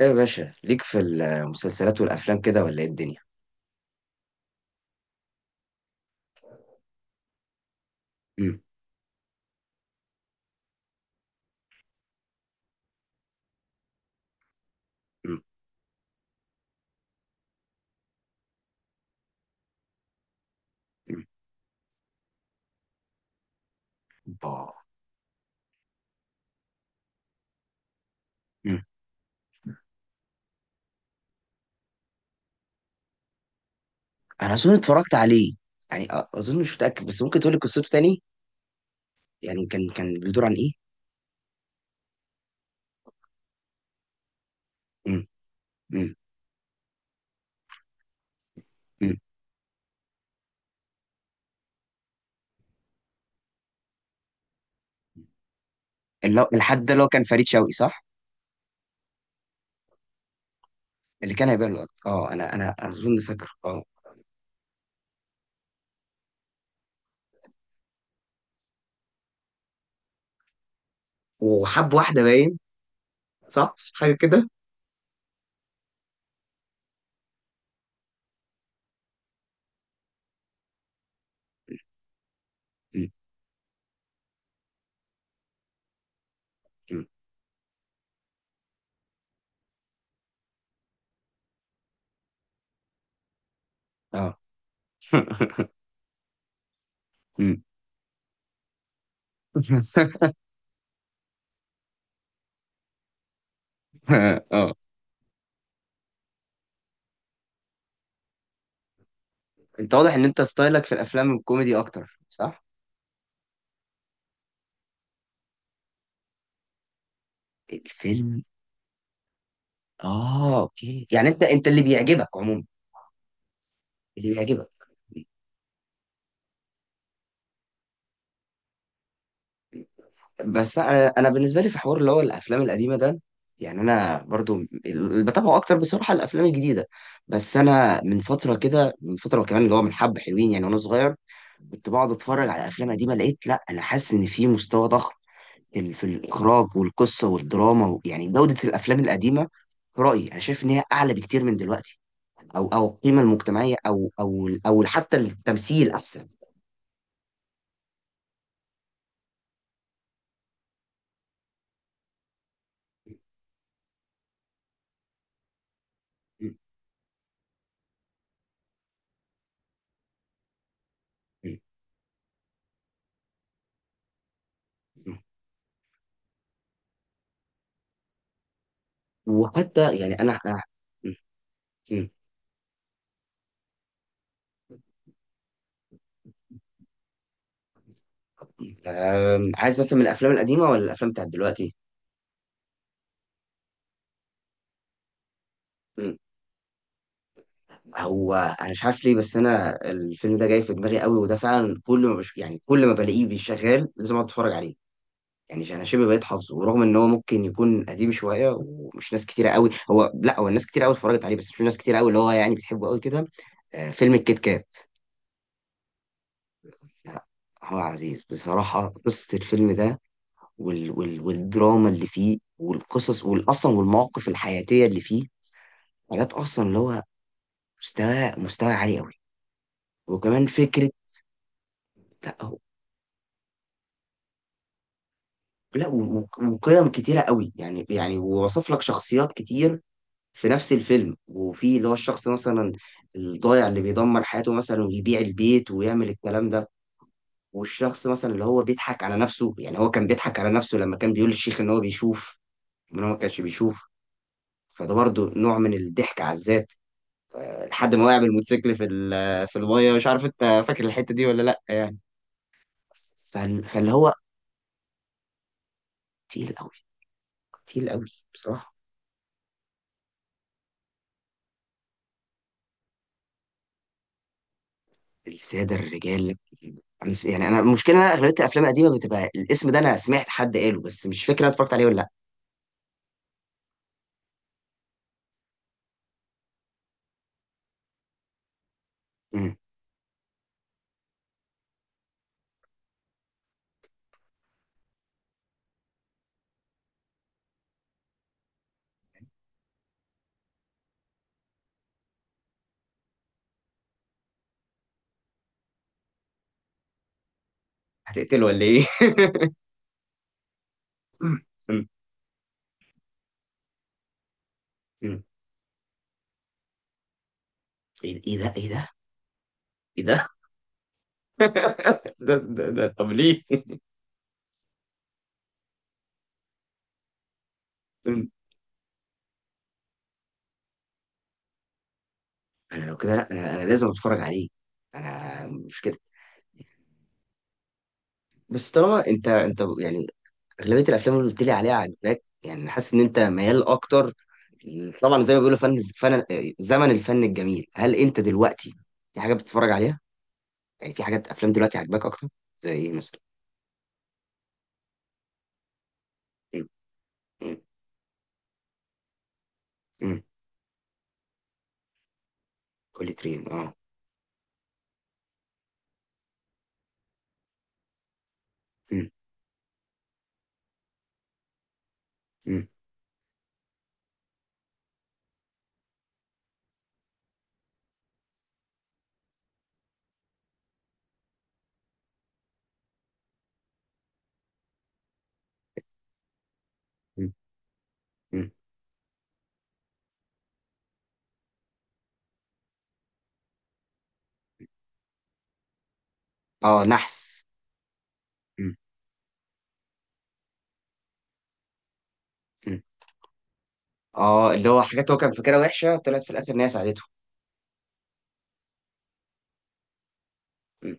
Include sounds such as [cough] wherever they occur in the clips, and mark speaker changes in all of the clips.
Speaker 1: ايه يا باشا، ليك في المسلسلات والافلام كده ولا ايه الدنيا؟ امم. امم. امم. با امم. انا اظن اتفرجت عليه. يعني اظن مش متاكد، بس ممكن تقول لي قصته تاني. يعني كان بيدور عن ايه؟ امم. امم. امم. الحد ده اللي هو كان فريد شوقي صح؟ اللي كان هيبيع الارض، اه، انا اظن فاكره، اه. وحب واحده باين. صح، حاجه كده. امم. امم. اه. [laughs] امم [laughs] اه. انت واضح ان انت ستايلك في الافلام الكوميدي اكتر صح؟ الفيلم. اه، اوكي، يعني انت اللي بيعجبك عموما. اللي بيعجبك. بس انا بالنسبه لي في حوار اللي هو الافلام القديمه ده. يعني انا برضو اللي بتابعه اكتر بصراحه الافلام الجديده. بس انا من فتره كده، من فتره كمان، اللي هو من حبه حلوين يعني، وانا صغير كنت بقعد اتفرج على افلام قديمه لقيت، لا، انا حاسس ان في مستوى ضخم في في الاخراج والقصه والدراما يعني جوده الافلام القديمه. في رايي، انا شايف ان هي اعلى بكتير من دلوقتي. او القيمه المجتمعيه، او حتى التمثيل احسن. م. م. وحتى يعني انا. م. م. عايز مثلا من الافلام القديمه ولا الافلام بتاعت دلوقتي؟ م. هو انا مش عارف ليه، بس انا الفيلم ده جاي في دماغي قوي، وده فعلا كل ما يعني كل ما بلاقيه بيشغال لازم اقعد اتفرج عليه. يعني انا شبه بقيت حافظه، ورغم ان هو ممكن يكون قديم شويه ومش ناس كتيره قوي، هو لا، هو الناس كتير قوي اتفرجت عليه، بس مش ناس كتير قوي اللي هو يعني بتحبه قوي كده. فيلم الكيت كات. لا، هو عزيز بصراحه قصه الفيلم ده. والدراما اللي فيه والقصص واصلا والمواقف الحياتيه اللي فيه. حاجات اصلا اللي هو مستوى، مستوى عالي قوي. وكمان فكره. لا، هو، لا، وقيم كتيره قوي، يعني ووصف لك شخصيات كتير في نفس الفيلم، وفي اللي هو الشخص مثلا الضايع اللي بيدمر حياته مثلا ويبيع البيت ويعمل الكلام ده. والشخص مثلا اللي هو بيضحك على نفسه، يعني هو كان بيضحك على نفسه لما كان بيقول للشيخ ان هو بيشوف، ان هو ما كانش بيشوف. فده برضه نوع من الضحك على الذات. لحد ما وقع بالموتوسيكل في في الميه، مش عارف انت فاكر الحته دي ولا لا يعني. فاللي هو تقيل قوي. تقيل قوي بصراحه. الساده الرجال. يعني انا المشكله إن انا اغلبيه الافلام القديمه بتبقى الاسم ده، انا سمعت حد قاله بس مش فاكر انا اتفرجت عليه ولا لا. مم. هتقتله ولا ايه؟ [laughs] مم. مم. مم. ايه، إيه ده، ايه ده، ايه ده؟ [laughs] ده، ده، ده. طب ليه؟ [laughs] مم. انا لو كده، لا، انا لازم اتفرج عليه. انا مش كده. بس طالما انت، يعني اغلبيه الافلام اللي قلت لي عليها عجباك، يعني حاسس ان انت ميال اكتر. طبعا زي ما بيقولوا، فن، فن، زمن الفن الجميل. هل انت دلوقتي في حاجه بتتفرج عليها؟ يعني في حاجات افلام دلوقتي عجباك اكتر؟ زي ايه مثلا؟ مم. مم. مم. كولي ترين، اه. مم. مم. مم. مم. اه، نحس. مم. مم. اه، اللي هو حاجات هو كان فاكرها وحشه طلعت في الاخر ان هي ساعدته. مم.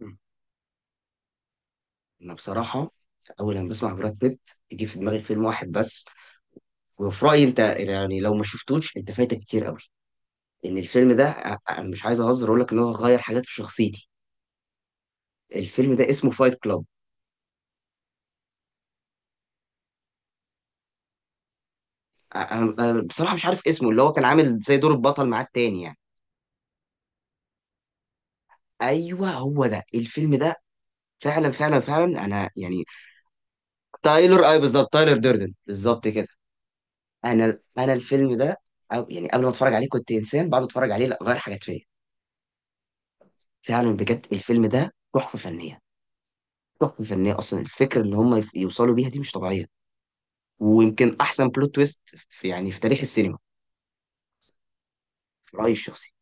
Speaker 1: مم. انا بصراحه، اول لما بسمع براد بيت، يجي في دماغي فيلم واحد بس. وفي رأيي انت يعني لو ما شفتوش انت فايتك كتير قوي. لان الفيلم ده، انا مش عايز اهزر، اقول لك ان هو غير حاجات في شخصيتي. الفيلم ده اسمه فايت كلاب. انا بصراحة مش عارف اسمه، اللي هو كان عامل زي دور البطل معاه التاني يعني. ايوه، هو ده، الفيلم ده. فعلا، فعلا، فعلا، انا يعني. تايلر، اي بالظبط، تايلر ديردن بالظبط كده. انا الفيلم ده، أو يعني، قبل ما اتفرج عليه كنت انسان، بعد ما اتفرج عليه لا، غير حاجات فيا. فعلا بجد الفيلم ده تحفة فنية. تحفة فنية، اصلا الفكرة اللي هم يوصلوا بيها دي مش طبيعية. ويمكن احسن بلوت تويست في، يعني في تاريخ السينما. في رايي الشخصي.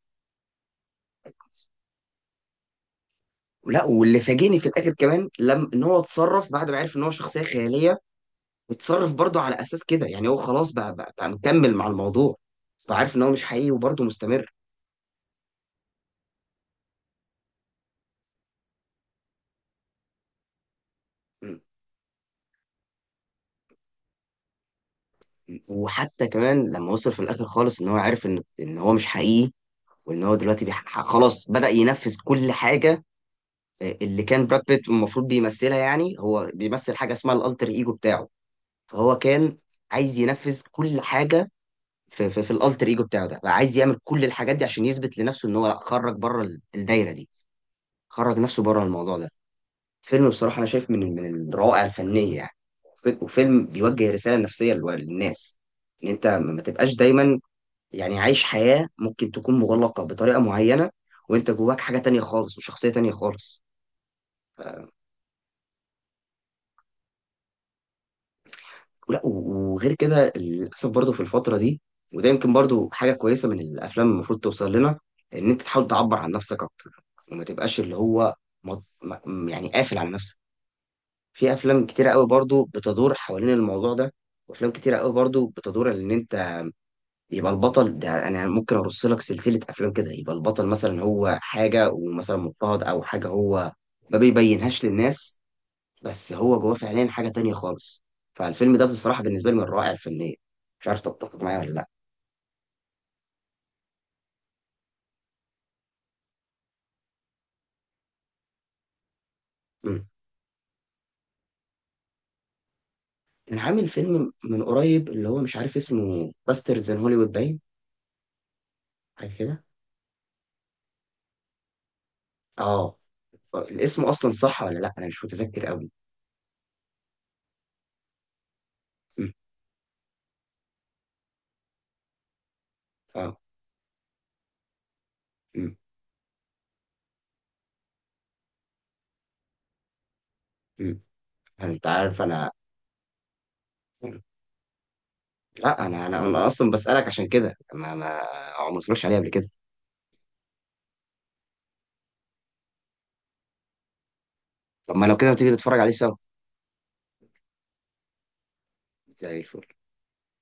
Speaker 1: لا، واللي فاجئني في الاخر كمان، لما ان هو اتصرف بعد ما عرف ان هو شخصيه خياليه، اتصرف برضه على اساس كده. يعني هو خلاص بقى، بقى مكمل مع الموضوع. فعارف ان هو مش حقيقي وبرضه مستمر. م- وحتى كمان لما وصل في الاخر خالص ان هو عارف ان هو مش حقيقي، وان هو دلوقتي خلاص بدأ ينفذ كل حاجه. اللي كان براد بيت المفروض بيمثلها، يعني هو بيمثل حاجه اسمها الالتر ايجو بتاعه. فهو كان عايز ينفذ كل حاجه في الالتر ايجو بتاعه، ده بقى عايز يعمل كل الحاجات دي عشان يثبت لنفسه ان هو، لا، خرج بره الدايره دي، خرج نفسه بره الموضوع ده. فيلم بصراحه انا شايف من الروائع الفنيه يعني. وفيلم بيوجه رساله نفسيه للناس، ان انت ما تبقاش دايما يعني عايش حياه ممكن تكون مغلقه بطريقه معينه، وانت جواك حاجه تانية خالص وشخصيه تانية خالص. ولا، وغير كده للاسف برضو في الفتره دي، وده يمكن برضو حاجه كويسه من الافلام المفروض توصل لنا، ان انت تحاول تعبر عن نفسك اكتر، وما تبقاش اللي هو مط... يعني قافل على نفسك. في افلام كتيره قوي برضو بتدور حوالين الموضوع ده، وافلام كتيره قوي برضو بتدور ان انت يبقى البطل ده، انا ممكن ارص لك سلسله افلام كده، يبقى البطل مثلا هو حاجه ومثلا مضطهد او حاجه هو ما بيبينهاش للناس، بس هو جواه فعليا حاجة تانية خالص. فالفيلم ده بصراحة بالنسبة لي من الرائع الفنية. مش عارف تتفق معايا ولا لا. مم. كان عامل فيلم من قريب اللي هو مش عارف اسمه، باسترد ان هوليوود باين، حاجة كده. اه. الاسم اصلا صح ولا لا، انا مش متذكر قوي. مم. اه. مم. مم. انت عارف انا. لا، انا اصلا بسألك عشان كده، ما اتفرجش عليه قبل كده. طب ما لو كده، ما تيجي نتفرج عليه سوا؟ زي الفل.